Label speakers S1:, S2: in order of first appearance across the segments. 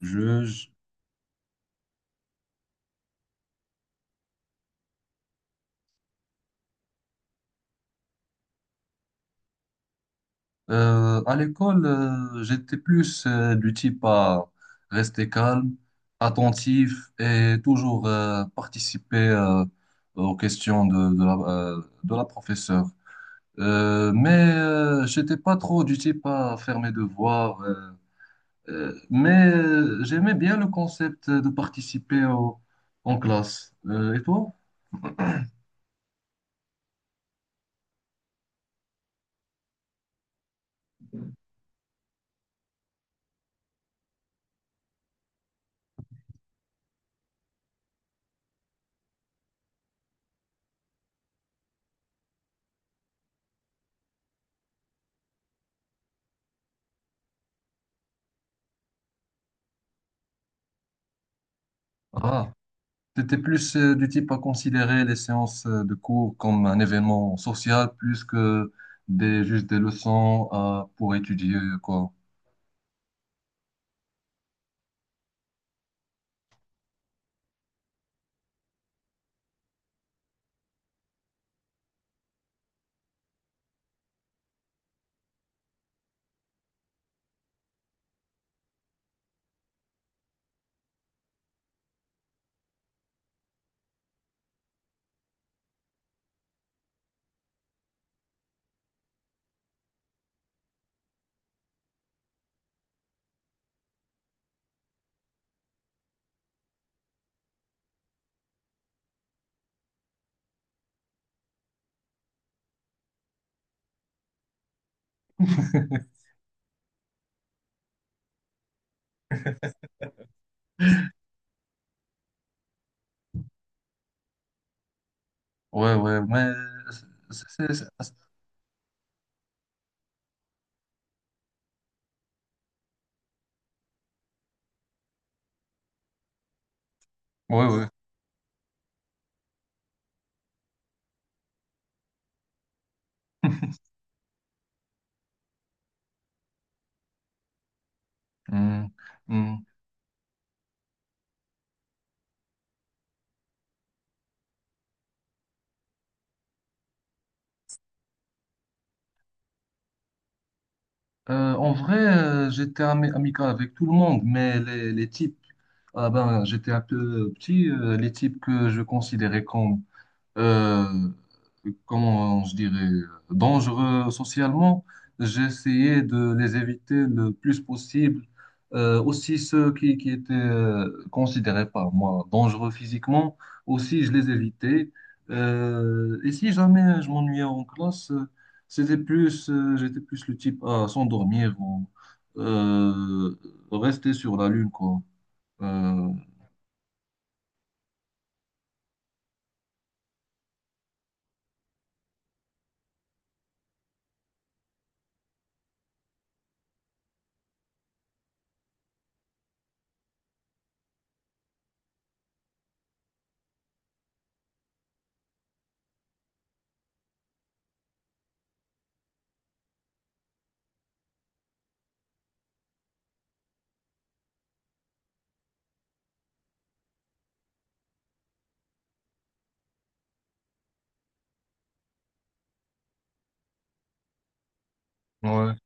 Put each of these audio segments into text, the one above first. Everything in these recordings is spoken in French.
S1: Je, je- à l'école, j'étais plus du type à rester calme, attentif et toujours participer aux questions de la professeure. J'étais pas trop du type à faire mes devoirs. J'aimais bien le concept de en classe. Et toi? T'étais plus du type à considérer les séances de cours comme un événement social plus que juste des pour étudier, quoi. Ouais, ouais, mais... c'est- c'est- c'est- Ouais, ouais. Hmm, hmm. En vrai, j'étais amical avec tout le monde, mais les types, ah ben, j'étais un peu petit, les types que je considérais comme euh, comment je dirais, dangereux socialement. J'essayais de les éviter le plus possible. Aussi ceux qui étaient considérés par moi dangereux physiquement, aussi je les évitais. Et si jamais je m'ennuyais en classe, c'était j'étais plus le type à s'endormir ou euh, rester sur la lune, quoi. Euh, ouais.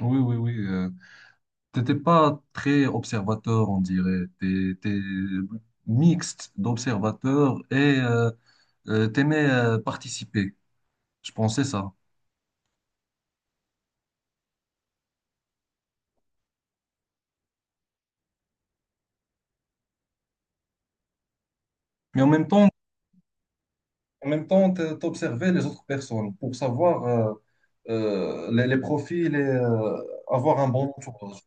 S1: Oui, oui, oui. T'étais pas très observateur, on dirait. T'es mixte d'observateur et t'aimais participer. Je pensais ça. Mais en même temps, t'observais les autres personnes pour savoir les profils et avoir un bon entourage.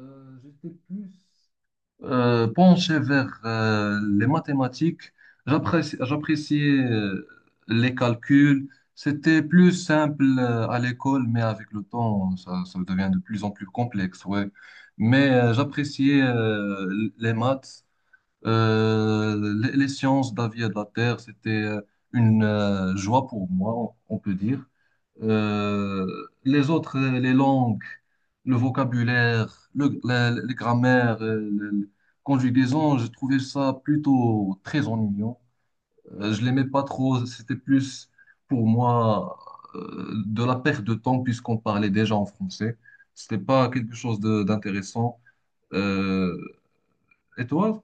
S1: J'étais plus penché vers les mathématiques. J'appréciais les calculs. C'était plus simple à l'école, mais avec le temps, ça devient de plus en plus complexe, ouais. Mais j'appréciais les maths. Les sciences de la vie et de la terre, c'était une joie pour moi, on peut dire. Euh, les langues, le vocabulaire, les grammaires, les conjugaisons, je trouvais ça plutôt très ennuyant. Je l'aimais pas trop, c'était plus pour moi de la perte de temps puisqu'on parlait déjà en français. C'était pas quelque chose d'intéressant. Euh, et toi,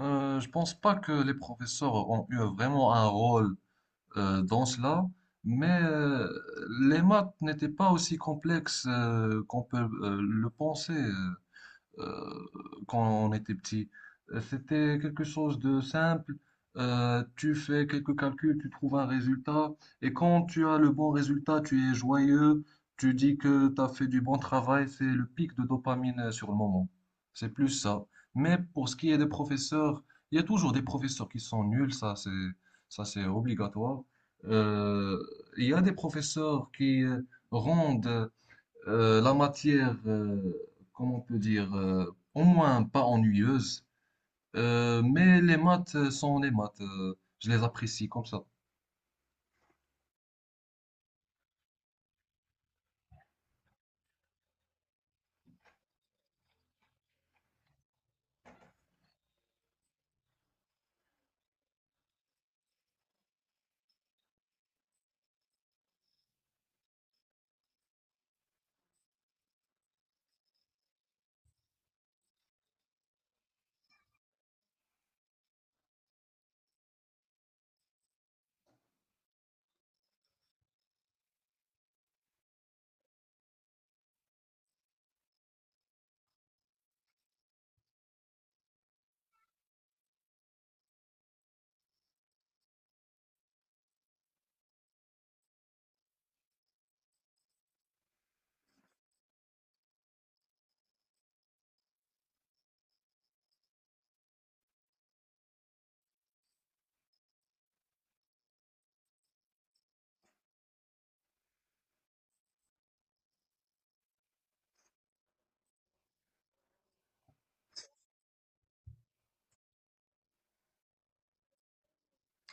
S1: Je pense pas que les professeurs ont eu vraiment un rôle dans cela, mais les maths n'étaient pas aussi complexes qu'on peut le penser. Euh, Quand on était petit. C'était quelque chose de simple. Tu fais quelques calculs, tu trouves un résultat, et quand tu as le bon résultat, tu es joyeux, tu dis que tu as fait du bon travail, c'est le pic de dopamine sur le moment. C'est plus ça. Mais pour ce qui est des professeurs, il y a toujours des professeurs qui sont nuls, ça c'est obligatoire. Euh, il y a des professeurs qui rendent la matière, comment on peut dire, au moins pas ennuyeuse. Mais les maths sont les maths, je les apprécie comme ça.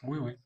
S1: Oui, oui.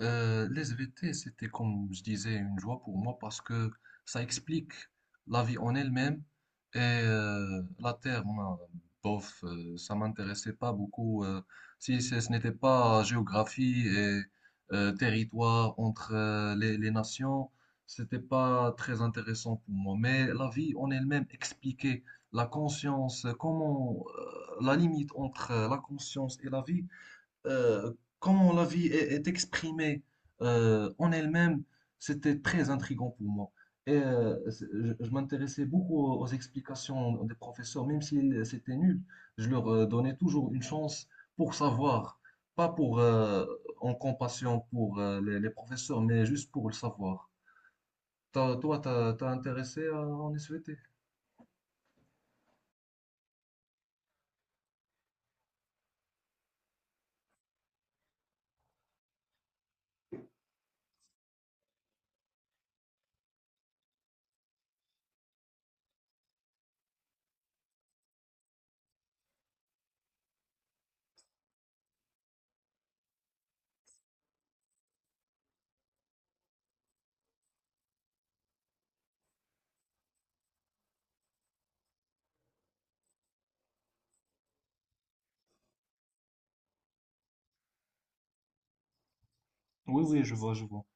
S1: Les SVT, c'était comme je disais une joie pour moi parce que ça explique la vie en elle-même et la Terre, moi, bof, ça m'intéressait pas beaucoup. Si ce n'était pas géographie et territoire entre les nations, c'était pas très intéressant pour moi. Mais la vie en elle-même expliquait la conscience, comment la limite entre la conscience et la vie euh, comment la vie est exprimée en elle-même, c'était très intriguant pour moi. Et je m'intéressais beaucoup aux explications des professeurs, même si c'était nul, je leur donnais toujours une chance pour savoir, pas pour en compassion pour les professeurs, mais juste pour le savoir. T'as intéressé à en SVT? Oui, oui, je vois, je vois.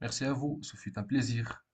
S1: Merci à vous, ce fut un plaisir.